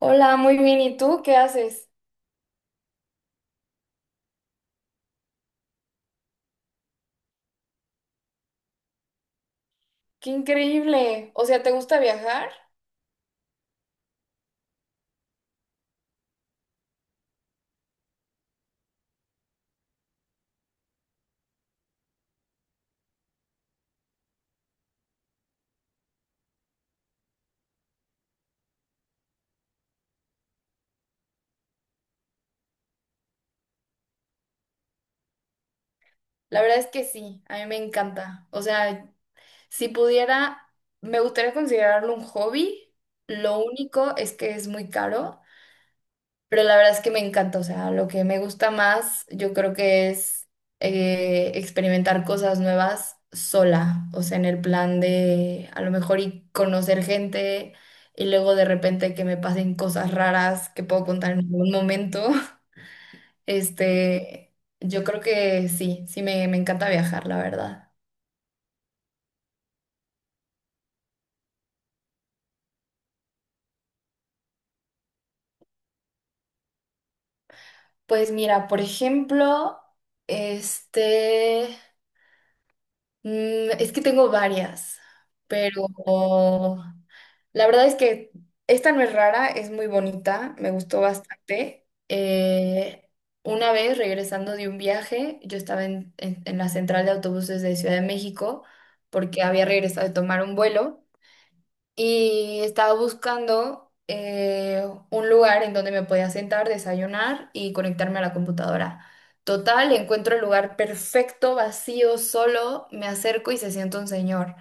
Hola, muy bien. ¿Y tú qué haces? Qué increíble. O sea, ¿te gusta viajar? La verdad es que sí, a mí me encanta. O sea, si pudiera, me gustaría considerarlo un hobby. Lo único es que es muy caro, pero la verdad es que me encanta. O sea, lo que me gusta más, yo creo que es experimentar cosas nuevas sola. O sea, en el plan de a lo mejor y conocer gente y luego de repente que me pasen cosas raras que puedo contar en algún momento. Este, yo creo que sí, me encanta viajar, la verdad. Pues mira, por ejemplo, este, es que tengo varias, pero la verdad es que esta no es rara, es muy bonita, me gustó bastante. Una vez regresando de un viaje, yo estaba en la central de autobuses de Ciudad de México porque había regresado de tomar un vuelo. Y estaba buscando un lugar en donde me podía sentar, desayunar y conectarme a la computadora. Total, encuentro el lugar perfecto, vacío, solo, me acerco y se sienta un señor.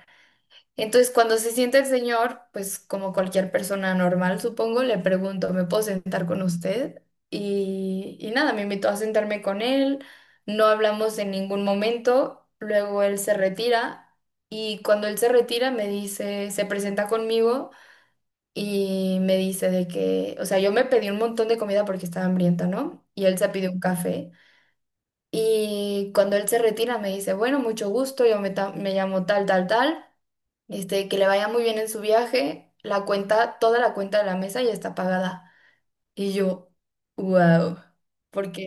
Entonces, cuando se sienta el señor, pues como cualquier persona normal, supongo, le pregunto, ¿me puedo sentar con usted? Y nada, me invitó a sentarme con él, no hablamos en ningún momento, luego él se retira y cuando él se retira me dice, se presenta conmigo y me dice de que, o sea, yo me pedí un montón de comida porque estaba hambrienta, ¿no? Y él se pidió un café. Y cuando él se retira me dice, bueno, mucho gusto, me llamo tal, tal, tal. Este, que le vaya muy bien en su viaje. La cuenta, toda la cuenta de la mesa ya está pagada. Y yo, wow, porque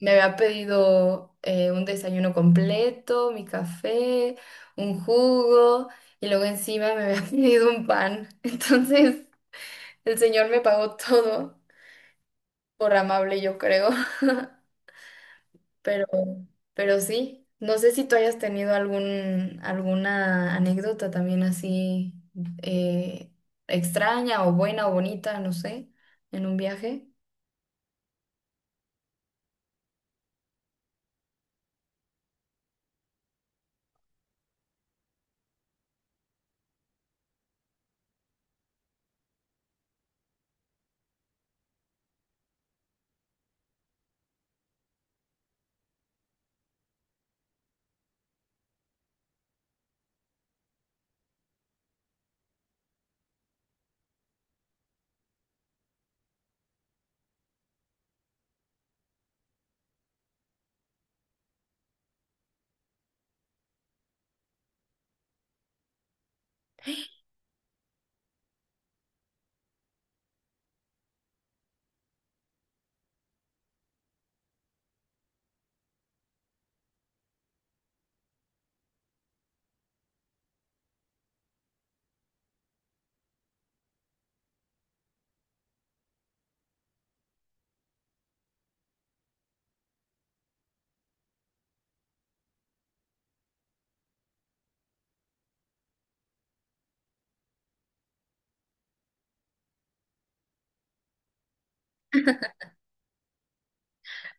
me había pedido un desayuno completo, mi café, un jugo, y luego encima me había pedido un pan. Entonces... El Señor me pagó todo por amable, yo creo, pero, pero sí. No sé si tú hayas tenido algún, alguna anécdota también así eh, extraña o buena o bonita, no sé, en un viaje.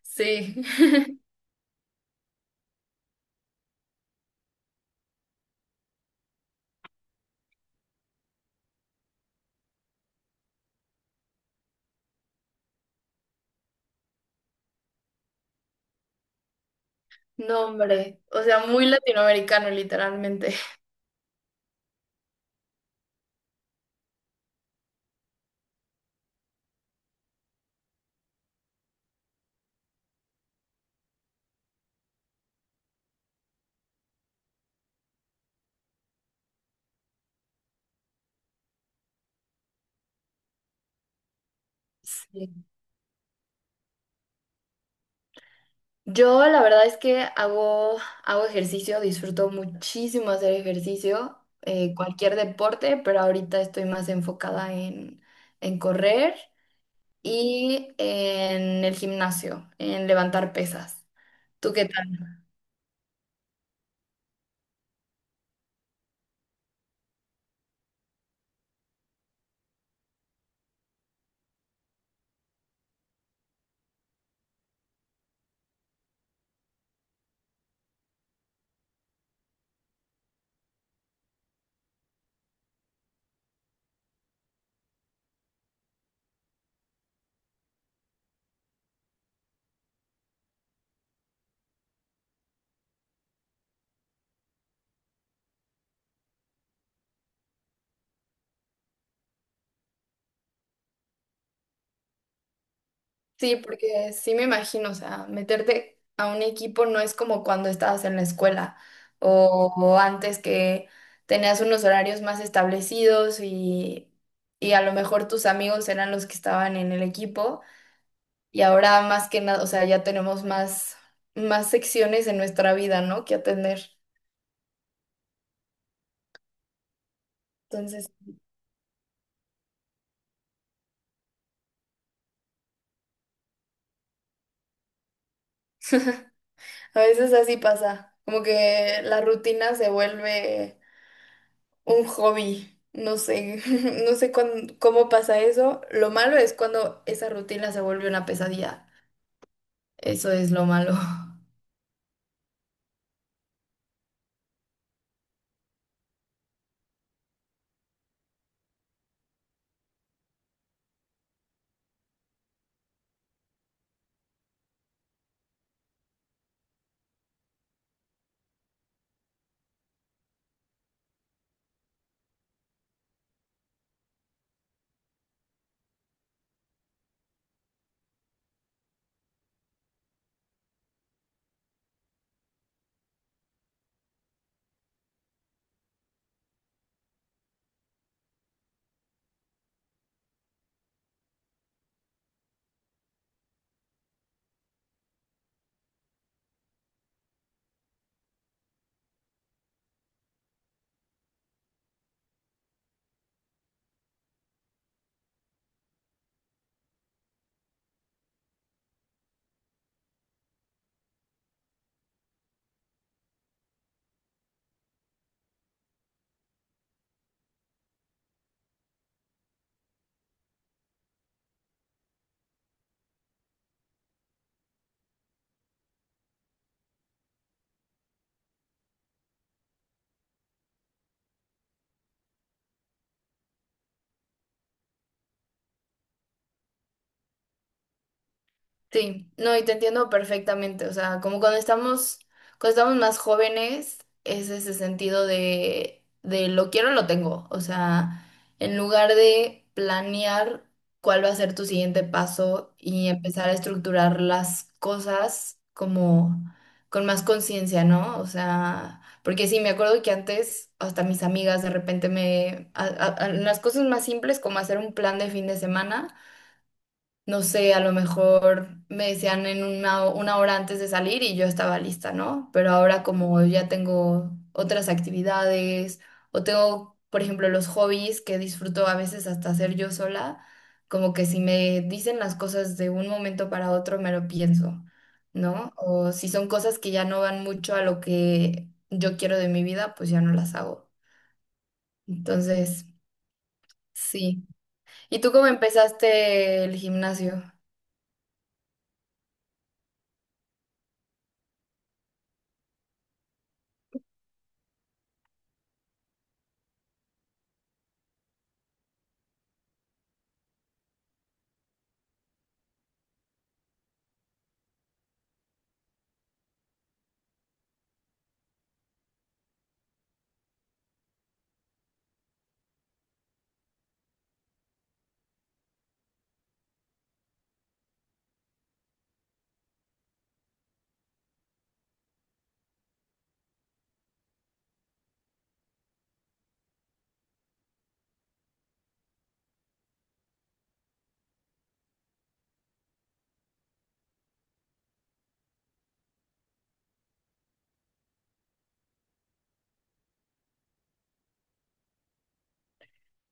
Sí. No, hombre. O sea, muy latinoamericano, literalmente. Sí. Yo la verdad es que hago ejercicio, disfruto muchísimo hacer ejercicio, cualquier deporte, pero ahorita estoy más enfocada en correr y en el gimnasio, en levantar pesas. ¿Tú qué tal? Sí, porque sí me imagino, o sea, meterte a un equipo no es como cuando estabas en la escuela o antes que tenías unos horarios más establecidos y a lo mejor tus amigos eran los que estaban en el equipo. Y ahora más que nada, o sea, ya tenemos más, más secciones en nuestra vida, ¿no? Que atender. Entonces, a veces así pasa, como que la rutina se vuelve un hobby. No sé, no sé cuán- cómo pasa eso. Lo malo es cuando esa rutina se vuelve una pesadilla. Eso es lo malo. Sí, no, y te entiendo perfectamente, o sea, cuando estamos más jóvenes, es ese sentido de lo quiero, lo tengo, o sea, en lugar de planear cuál va a ser tu siguiente paso y empezar a estructurar las cosas como con más conciencia, ¿no? O sea, porque sí, me acuerdo que antes hasta mis amigas de repente me, a- las cosas más simples como hacer un plan de fin de semana no sé, a lo mejor me decían en una hora antes de salir y yo estaba lista, ¿no? Pero ahora como ya tengo otras actividades o tengo, por ejemplo, los hobbies que disfruto a veces hasta hacer yo sola, como que si me dicen las cosas de un momento para otro, me lo pienso, ¿no? O si son cosas que ya no van mucho a lo que yo quiero de mi vida, pues ya no las hago. Entonces, sí. ¿Y tú cómo empezaste el gimnasio?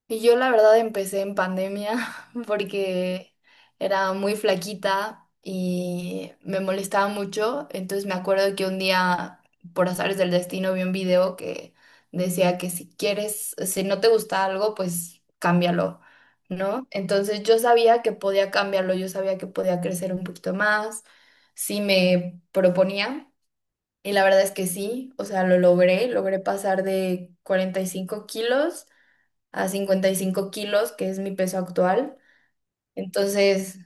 Y yo la verdad empecé en pandemia porque era muy flaquita y me molestaba mucho. Entonces me acuerdo que un día, por azares del destino, vi un video que decía que si quieres, si no te gusta algo, pues cámbialo, ¿no? Entonces yo sabía que podía cambiarlo, yo sabía que podía crecer un poquito más, si me proponía. Y la verdad es que sí, o sea, logré pasar de 45 kilos a 55 kilos, que es mi peso actual. Entonces,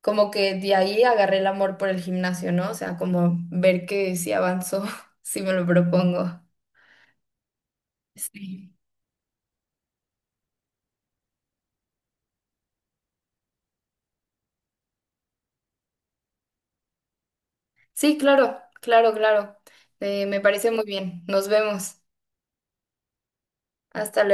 como que de ahí agarré el amor por el gimnasio, ¿no? O sea, como ver que sí avanzo, si me lo propongo. Sí. Sí, claro, claro, claro. Me parece muy bien. Nos vemos. Hasta luego.